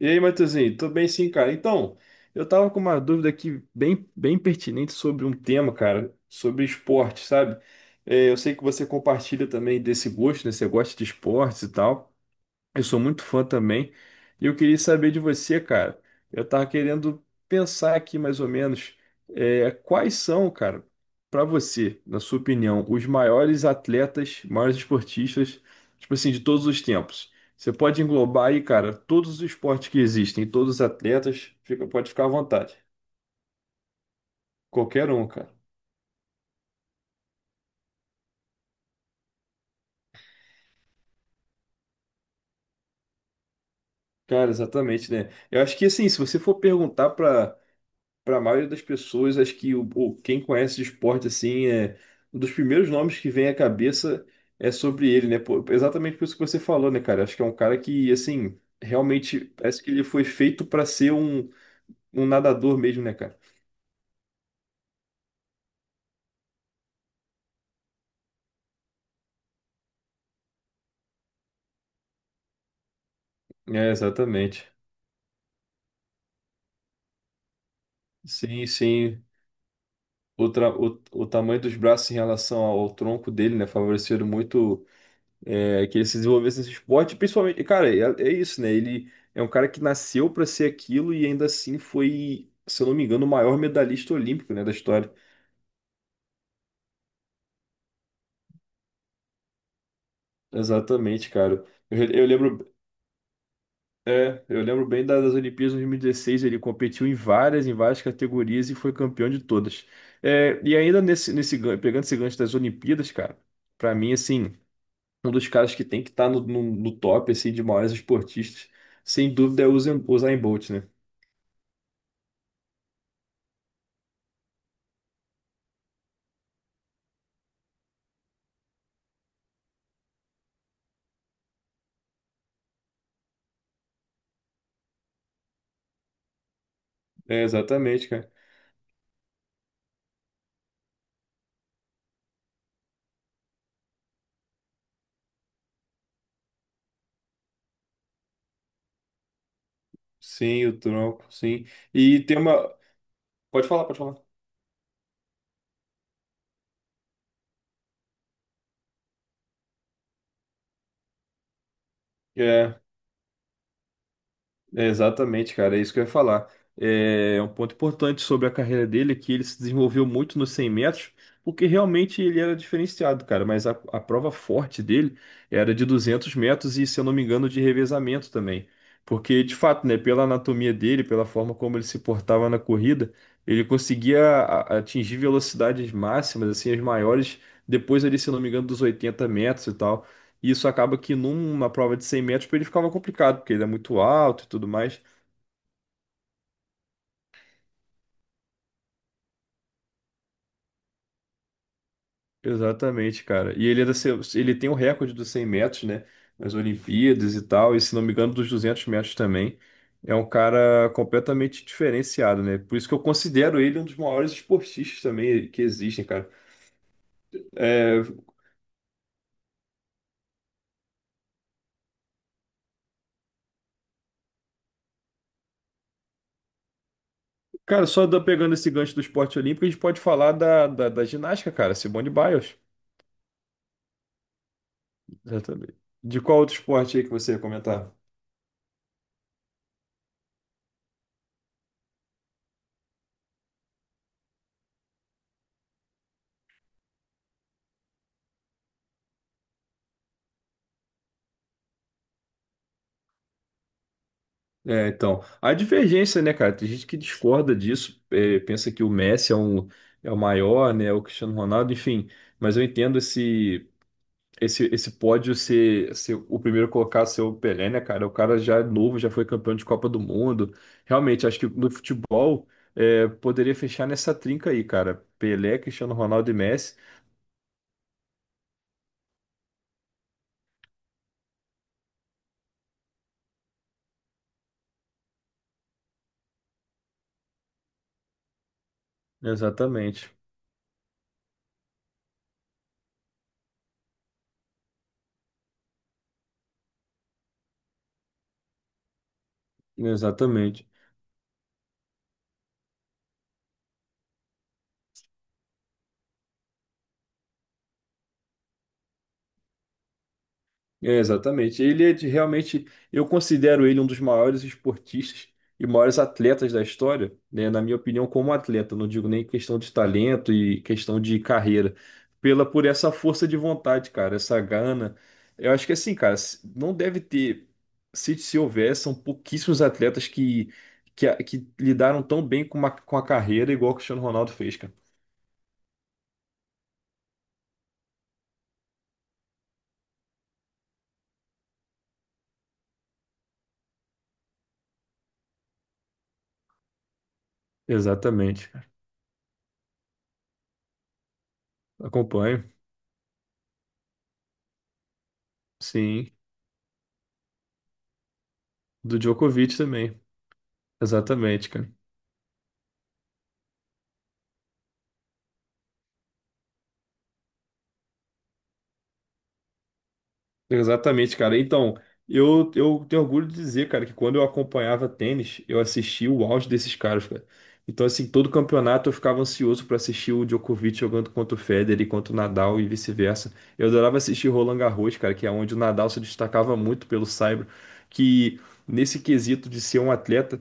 E aí, Matheusinho, tô bem sim, cara. Então, eu tava com uma dúvida aqui bem, bem pertinente sobre um tema, cara, sobre esporte, sabe? É, eu sei que você compartilha também desse gosto, né? Você gosta de esportes e tal. Eu sou muito fã também. E eu queria saber de você, cara. Eu tava querendo pensar aqui mais ou menos quais são, cara, pra você, na sua opinião, os maiores atletas, maiores esportistas, tipo assim, de todos os tempos. Você pode englobar aí, cara, todos os esportes que existem, todos os atletas, pode ficar à vontade. Qualquer um, cara. Cara, exatamente, né? Eu acho que assim, se você for perguntar para a maioria das pessoas, acho que quem conhece de esporte assim é um dos primeiros nomes que vem à cabeça é sobre ele, né? Pô, exatamente por isso que você falou, né, cara? Acho que é um cara que assim realmente parece que ele foi feito para ser um nadador mesmo, né, cara? É, exatamente. Sim, sim. O tamanho dos braços em relação ao tronco dele, né, favoreceram muito. Que ele se desenvolvesse nesse esporte, principalmente, cara, é isso, né? Ele é um cara que nasceu para ser aquilo e ainda assim foi, se eu não me engano, o maior medalhista olímpico, né, da história. Exatamente, cara. Eu, re- eu lembro, é, Eu lembro bem das Olimpíadas de 2016, ele competiu em várias categorias e foi campeão de todas. É, e ainda pegando esse gancho das Olimpíadas, cara, pra mim, assim, um dos caras que tem que estar no top, assim, de maiores esportistas, sem dúvida é o Usain Bolt, né? É, exatamente, cara. Sim, o tronco, sim. E tem uma. Pode falar, pode falar. É, é exatamente, cara, é isso que eu ia falar. É um ponto importante sobre a carreira dele é que ele se desenvolveu muito nos 100 metros, porque realmente ele era diferenciado, cara. Mas a prova forte dele era de 200 metros e, se eu não me engano, de revezamento também. Porque, de fato, né, pela anatomia dele, pela forma como ele se portava na corrida, ele conseguia atingir velocidades máximas, assim, as maiores, depois ali, se eu não me engano, dos 80 metros e tal. E isso acaba que numa prova de 100 metros pra ele ficava complicado, porque ele é muito alto e tudo mais. Exatamente, cara. E ele, é da seu- ele tem o recorde dos 100 metros, né? Nas Olimpíadas e tal, e se não me engano, dos 200 metros também. É um cara completamente diferenciado, né? Por isso que eu considero ele um dos maiores esportistas também que existem, cara. É, cara, só pegando esse gancho do esporte olímpico, a gente pode falar da ginástica, cara. Simone Biles. Exatamente. De qual outro esporte aí que você ia comentar? É, então, a divergência, né, cara? Tem gente que discorda disso, pensa que o Messi é o maior, né? O Cristiano Ronaldo, enfim. Mas eu entendo esse esse pódio ser o primeiro colocado ser o Pelé, né, cara? O cara já é novo, já foi campeão de Copa do Mundo. Realmente, acho que no futebol poderia fechar nessa trinca aí, cara. Pelé, Cristiano Ronaldo e Messi. Exatamente. Exatamente. É, exatamente. Realmente, eu considero ele um dos maiores esportistas e maiores atletas da história, né? Na minha opinião, como atleta, não digo nem questão de talento e questão de carreira, pela por essa força de vontade, cara, essa gana. Eu acho que assim, cara, não deve ter, se houver, são pouquíssimos atletas que lidaram tão bem com a carreira igual o Cristiano Ronaldo fez, cara. Exatamente, cara. Acompanho, sim. Do Djokovic também. Exatamente, cara. Exatamente, cara. Então, eu tenho orgulho de dizer, cara, que quando eu acompanhava tênis, eu assistia o auge desses caras, cara. Então, assim, todo campeonato eu ficava ansioso pra assistir o Djokovic jogando contra o Federer, e contra o Nadal e vice-versa. Eu adorava assistir Roland Garros, cara, que é onde o Nadal se destacava muito pelo saibro, que nesse quesito de ser um atleta,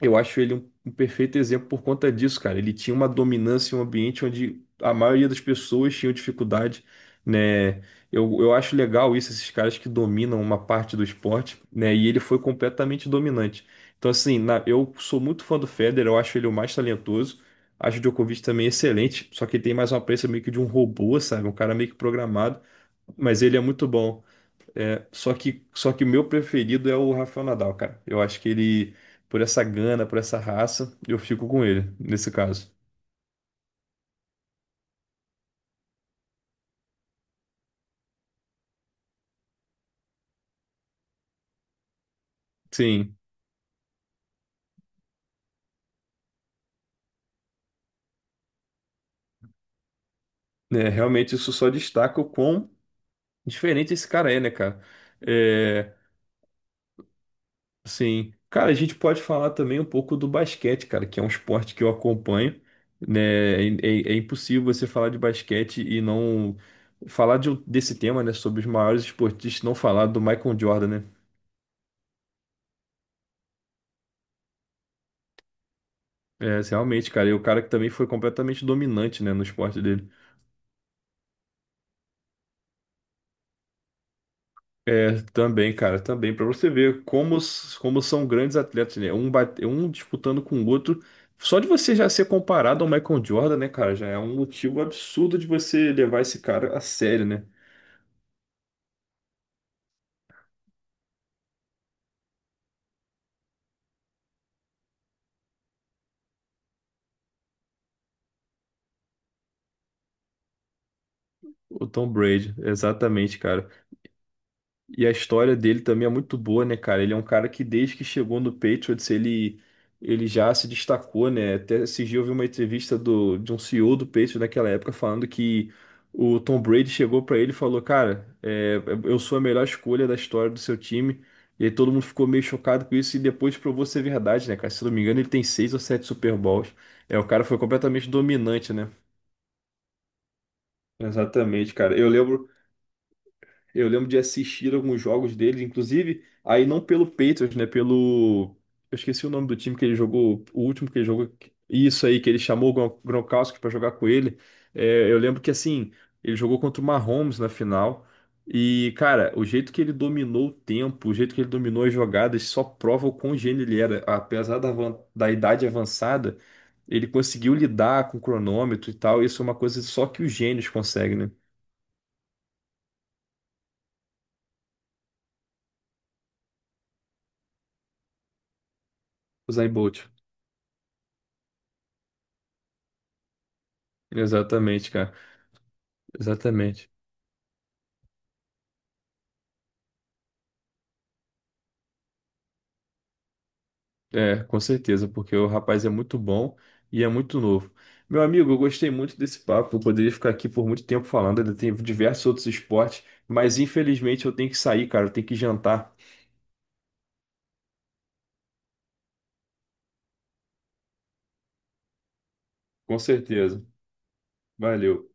eu acho ele um perfeito exemplo por conta disso, cara. Ele tinha uma dominância em um ambiente onde a maioria das pessoas tinham dificuldade, né? Eu acho legal isso, esses caras que dominam uma parte do esporte, né? E ele foi completamente dominante. Então, assim, eu sou muito fã do Federer, eu acho ele o mais talentoso. Acho o Djokovic também é excelente, só que ele tem mais uma aparência meio que de um robô, sabe? Um cara meio que programado, mas ele é muito bom. Só que o meu preferido é o Rafael Nadal, cara. Eu acho que ele, por essa gana, por essa raça, eu fico com ele, nesse caso. Sim, né, realmente isso só destaca o quão diferente esse cara é, né, cara? É, assim, cara, a gente pode falar também um pouco do basquete, cara, que é um esporte que eu acompanho, né? É impossível você falar de basquete e não falar desse tema, né, sobre os maiores esportistas, não falar do Michael Jordan, né? É, realmente, cara. E o cara que também foi completamente dominante, né, no esporte dele. É, também, cara, também. Pra você ver como são grandes atletas, né? Um, bate, um disputando com o outro. Só de você já ser comparado ao Michael Jordan, né, cara? Já é um motivo absurdo de você levar esse cara a sério, né? O Tom Brady, exatamente, cara. E a história dele também é muito boa, né, cara? Ele é um cara que desde que chegou no Patriots, ele já se destacou, né? Até esse dia eu vi uma entrevista de um CEO do Patriots naquela época falando que o Tom Brady chegou pra ele e falou, cara, eu sou a melhor escolha da história do seu time. E aí todo mundo ficou meio chocado com isso e depois provou ser verdade, né, cara? Se eu não me engano, ele tem seis ou sete Super Bowls. É, o cara foi completamente dominante, né? Exatamente, cara. Eu lembro de assistir alguns jogos dele, inclusive, aí não pelo Patriots, né? Pelo. Eu esqueci o nome do time que ele jogou, o último que ele jogou. Isso aí, que ele chamou o Gronkowski pra jogar com ele. É, eu lembro que, assim, ele jogou contra o Mahomes na final. E, cara, o jeito que ele dominou o tempo, o jeito que ele dominou as jogadas, só prova o quão gênio ele era. Apesar da idade avançada, ele conseguiu lidar com o cronômetro e tal. Isso é uma coisa só que os gênios conseguem, né? Usain Bolt. Exatamente, cara. Exatamente. É, com certeza, porque o rapaz é muito bom e é muito novo. Meu amigo, eu gostei muito desse papo. Eu poderia ficar aqui por muito tempo falando, ainda tem diversos outros esportes, mas infelizmente eu tenho que sair, cara. Eu tenho que jantar. Com certeza. Valeu.